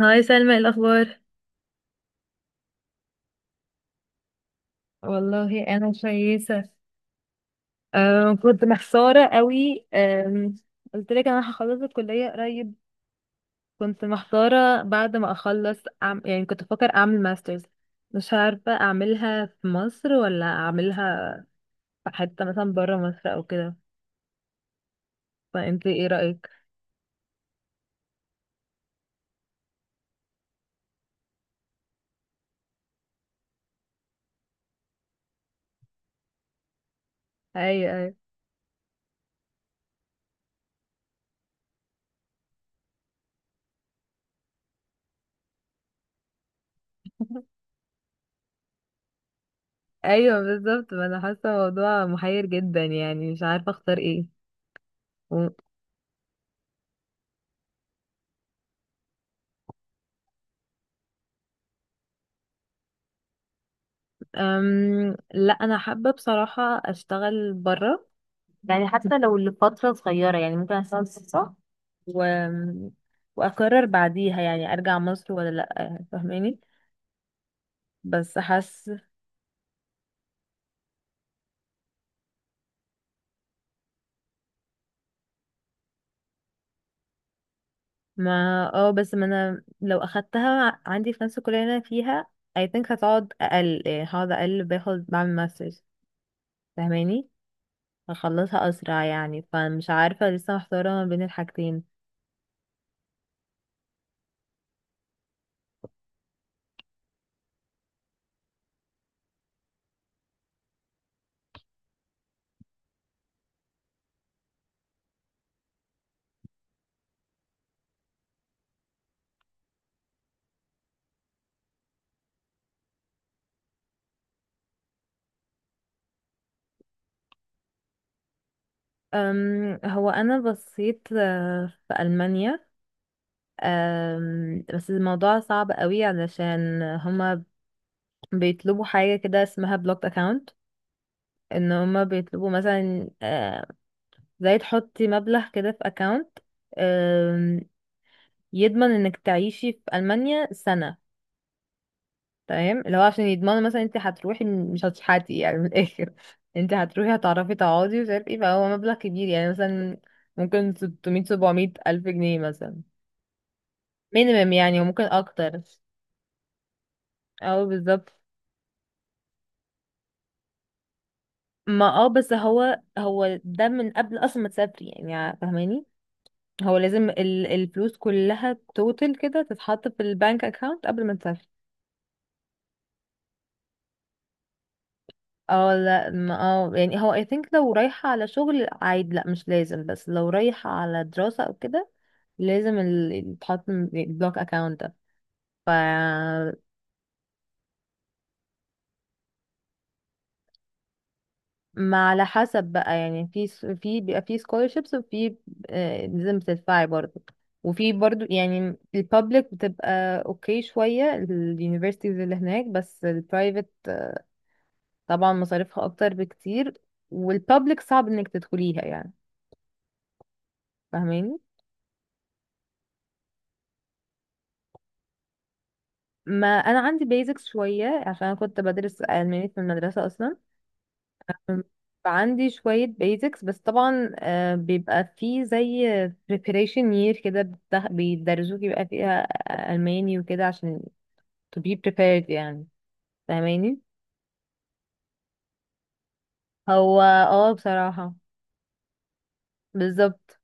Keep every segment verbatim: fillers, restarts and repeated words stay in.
هاي سلمى، إيه الأخبار؟ والله انا كويسه. أه كنت محتاره قوي، أم، قلت لك انا هخلص الكليه قريب. كنت محتاره بعد ما اخلص، أعم... يعني كنت بفكر اعمل ماسترز. مش عارفه اعملها في مصر ولا اعملها في حته مثلا بره مصر او كده، فانت ايه رايك؟ ايوه، ايوه. ايوه بالظبط، ما انا حاسه الموضوع محير جدا يعني مش عارفه اختار ايه. و... أم... لا انا حابه بصراحه اشتغل بره، يعني حتى لو لفترة صغيرة يعني ممكن أشتغل فترة و... وأقرر بعديها يعني أرجع مصر ولا لأ، فاهماني؟ بس حاسة. ما اه، بس ما أنا لو أخدتها عندي في نفس الكلية اللي أنا فيها، I think هتقعد أقل، يعني هقعد أقل باخد بعمل ماسترز، فاهماني؟ هخلصها أسرع يعني، فمش عارفة لسه محتارة ما بين الحاجتين. أم هو أنا بصيت آه، في ألمانيا. أم، بس الموضوع صعب قوي علشان هما بيطلبوا حاجة كده اسمها بلوك اكاونت، ان هما بيطلبوا مثلا آه، زي تحطي مبلغ كده في اكاونت يضمن انك تعيشي في المانيا سنة. تمام، اللي هو عشان يضمنوا مثلا انت هتروحي مش هتشحتي يعني من الاخر، انت هتروحي هتعرفي تقعدي ومش عارف ايه، فهو مبلغ كبير يعني، مثلا ممكن ستمية سبع ميه الف جنيه مثلا، مينيمم يعني، وممكن اكتر او بالظبط. ما اه، بس هو هو ده من قبل اصلا ما تسافري يعني، فاهماني؟ هو لازم ال- الفلوس كلها توتال كده تتحط في البنك اكاونت قبل ما تسافر. اه لا، ما اه يعني، هو I think لو رايحة على شغل عادي لا مش لازم، بس لو رايحة على دراسة او كده لازم ال- يتحط البلوك اكاونت ده. ف ما على حسب بقى يعني، في س- في بيبقى في scholarships، وفي آه، لازم تدفعي برضه. وفي برضه يعني، البابليك بتبقى اوكي شوية اليونيفرسيتيز اللي هناك، بس البرايفت طبعا مصاريفها اكتر بكتير، والبابليك صعب انك تدخليها يعني، فاهماني؟ ما انا عندي بيزكس شويه عشان انا كنت بدرس الماني في المدرسه اصلا، فعندي شويه بيزكس، بس طبعا آه، بيبقى في زي preparation year كده بتاخ- بيدرسوك يبقى فيها آه، الماني وكده، عشان to be prepared يعني، فاهماني؟ هو اه بصراحه بالظبط.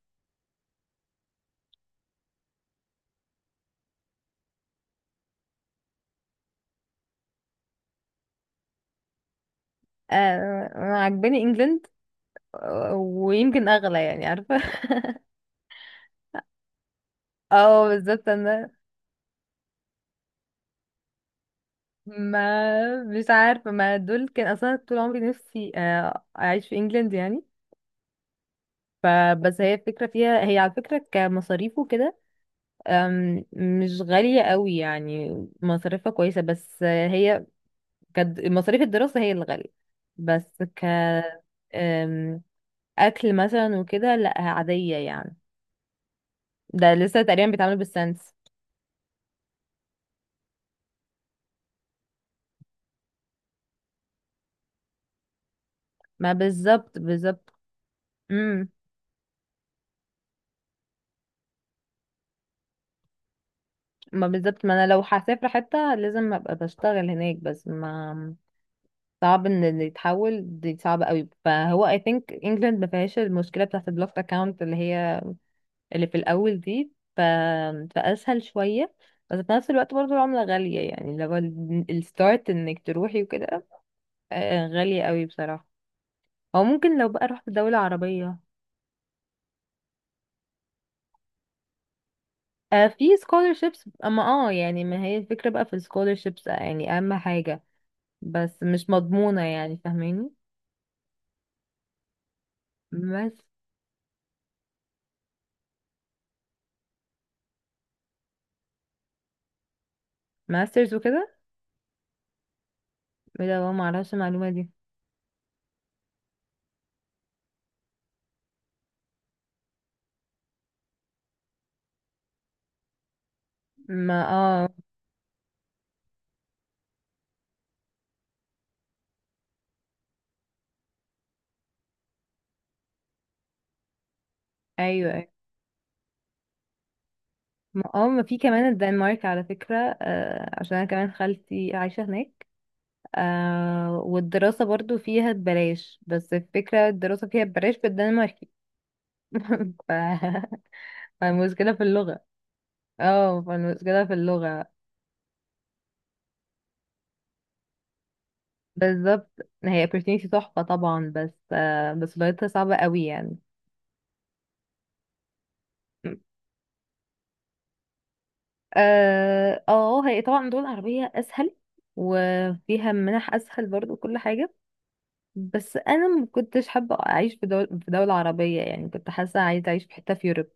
آه، أنا عجباني انجلند، آه، ويمكن اغلى يعني، عارفه اه بالظبط انا، ما مش عارفة، ما دول كان أصلا طول عمري نفسي آه، أعيش في إنجلند يعني، فبس هي الفكرة فيها، هي على فكرة كمصاريف وكده آم، مش غالية قوي يعني، مصاريفها كويسة، بس آه، هي كد... مصاريف الدراسة هي اللي غالية. بس ك آم، أكل مثلا وكده لأ عادية يعني، ده لسه تقريبا بيتعملوا بالسنس. ما بالظبط بالظبط. امم. ما بالظبط، ما انا لو هسافر حتة لازم ابقى بشتغل هناك، بس ما، صعب ان اللي يتحول دي صعبة قوي، فهو I think England ما فيهاش المشكلة بتاعت البلوك اكاونت اللي هي اللي في الاول دي، ف... فاسهل شوية. بس في نفس الوقت برضو العملة غالية يعني، لو الستارت انك تروحي وكده آه، غالية قوي بصراحة، او ممكن لو بقى رحت دولة عربية. آه، في scholarships، اما اه يعني، ما هي الفكرة بقى في ال scholarships، آه، يعني اهم حاجة، بس مش مضمونة يعني، فاهماني؟ بس ماسترز وكده. لا، ما اعرفش المعلومة دي. ما اه. ايوه، ايوه. ما- اه ما في كمان الدنمارك على فكرة، آه، عشان انا كمان خالتي عايشة هناك، آه، والدراسة برضو فيها ببلاش، بس الفكرة الدراسة فيها ببلاش بالدنماركي ف... فالمشكلة في اللغة. اه، فالمشكلة في اللغة. بالظبط. هي opportunity تحفة طبعا، بس آه بس لغتها صعبة قوي يعني. اه، آه، هي طبعا دول عربية اسهل، وفيها منح اسهل برضو كل حاجة. بس انا ما كنتش حابه اعيش في دول في دوله عربيه يعني، كنت حاسه عايزه اعيش في حته في يوروب.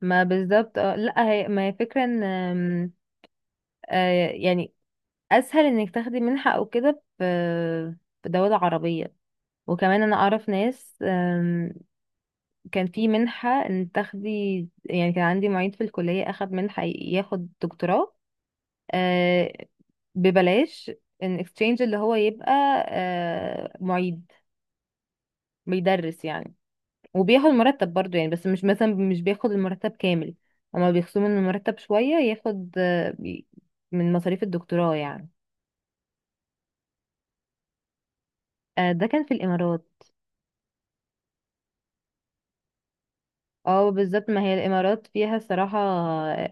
ما بالظبط، آه، لا هي ما هي فكره ان آم، آه، يعني اسهل انك تاخدي منحه او كده في في دوله عربيه، وكمان انا اعرف ناس، آم، كان في منحه ان تاخدي، يعني كان عندي معيد في الكليه اخد منحه ياخد دكتوراه، آه، ببلاش، ان اكستشينج اللي هو يبقى آه، معيد بيدرس يعني، وبياخد مرتب برضو يعني، بس مش مثلا مش بياخد المرتب كامل. هما بيخصموا من المرتب شوية ياخد آه، بي- من مصاريف الدكتوراه يعني. آه، ده كان في الإمارات. اه بالظبط، ما هي الإمارات فيها صراحة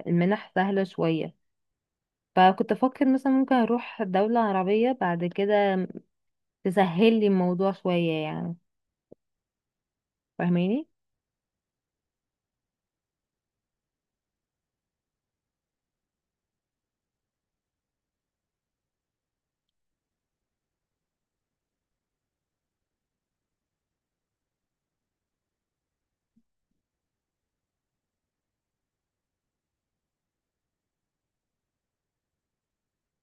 المنح سهلة شوية، فكنت أفكر مثلا ممكن أروح دولة عربية بعد كده تسهل لي الموضوع شوية يعني. فاهماني؟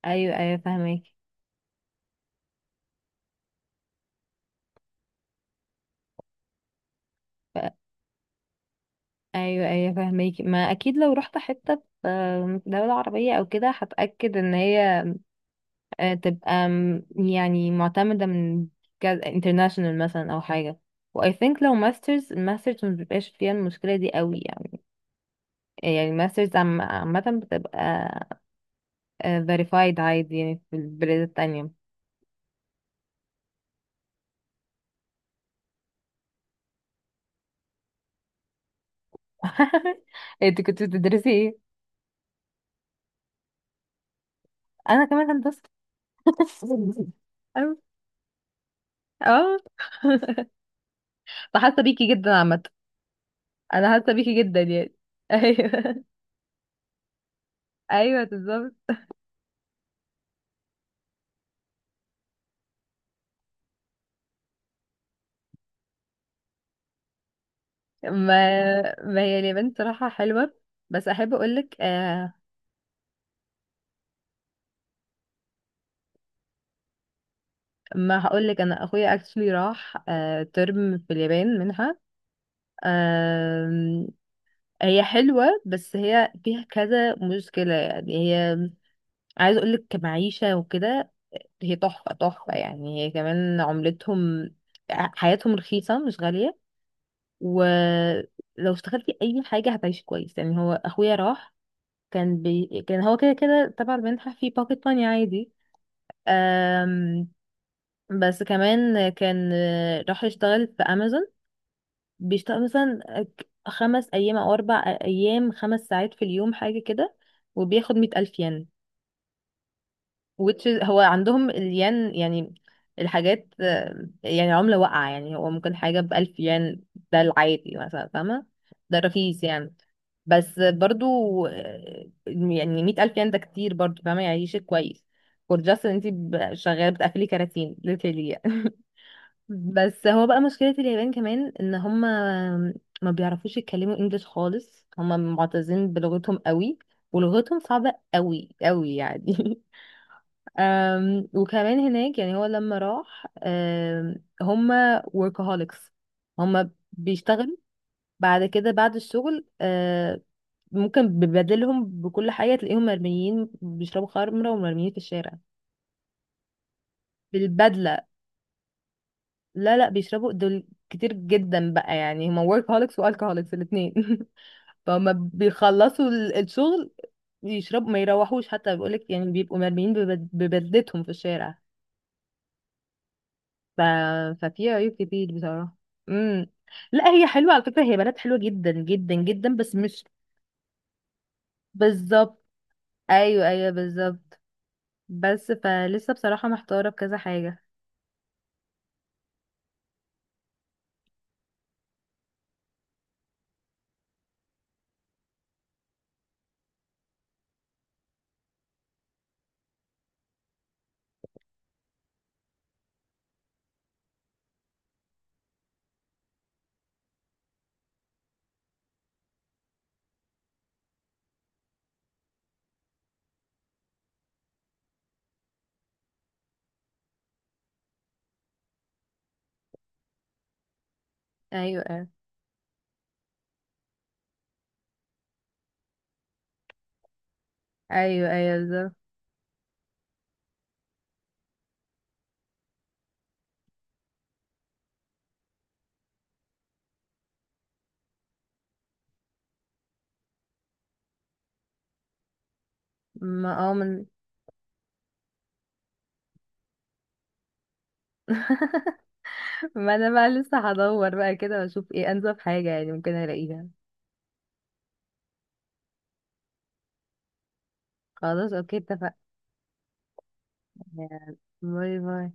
أيوة، أيوة، فاهماكي. ف- أيوة، أيوة، فاهماكي، ما أكيد لو رحت حتة في آه، دولة عربية أو كده هتأكد إن هي آه، تبقى م- يعني معتمدة من انترناشونال مثلا أو حاجة، و I think لو ماسترز الماسترز مبيبقاش فيها المشكلة دي قوي يعني، آه، يعني الماسترز عم- عامة بتبقى آه، verified عادي يعني في البلاد التانية. انت كنت بتدرسي ايه؟ أنا كمان هندسة أيوة. اه، فحاسة بيكي جدا عامة. أنا حاسة بيكي جدا يعني أيوه. أيوه بالظبط. ما، ما هي اليابان صراحة حلوة. بس أحب أقولك، آه، ما هقولك، انا اخويا اكشلي راح آه، ترم في اليابان منها. آم، هي حلوة، بس هي فيها كذا مشكلة، يعني هي عايز اقولك كمعيشة وكده، هي تحفة تحفة يعني، هي كمان عملتهم حياتهم رخيصة مش غالية، ولو اشتغلتي اي حاجة هتعيشي كويس يعني. هو اخويا راح، كان بي... كان هو كده كده تبع المنحة في باكيت ماني عادي. آم، بس كمان كان راح يشتغل في امازون، بيشتغل مثلا ك- خمس أيام أو أربع أيام، خمس ساعات في اليوم حاجة كده، وبياخد مية ألف ين، which is هو عندهم الين يعني الحاجات آه، يعني عملة واقعة يعني، هو ممكن حاجة بألف ين، ده العادي مثلا، فاهمة؟ ده رخيص يعني. بس برضو آه، يعني مية ألف ين ده كتير برضو، فاهمة؟ يعيشك كويس فور جاست ان انتي ب- شغالة بتقفلي كراتين literally يعني. بس هو بقى مشكلة اليابان كمان، ان هم ما بيعرفوش يتكلموا انجليش خالص، هم معتزين بلغتهم قوي ولغتهم صعبة قوي قوي يعني أم، وكمان هناك يعني، هو لما راح أم، هم workaholics. هم بيشتغلوا بعد كده بعد الشغل، أه، ممكن ببدلهم بكل حاجة تلاقيهم مرميين بيشربوا خمرة ومرميين في الشارع بالبدلة. لا، لا، بيشربوا دول كتير جدا بقى، يعني هما workaholics والكهوليكس الاثنين فهم بيخلصوا ال- الشغل يشربوا، ما يروحوش حتى، بيقولك يعني بيبقوا مرميين ببد- ببدلتهم في الشارع. ف... ففي عيوب كتير بصراحة. امم. لا هي حلوة على فكرة، هي بنات حلوة جدا جدا جدا، بس مش بالظبط. ايوه، ايوه، بالظبط. بس فلسه بصراحة محتارة في كذا حاجة. ايوه، ايوه، ايوه، ايوه بالظبط. ما اه من ما انا بقى لسه هدور بقى كده واشوف ايه انسب حاجة يعني ممكن الاقيها. خلاص، اوكي، اتفقنا. باي، باي.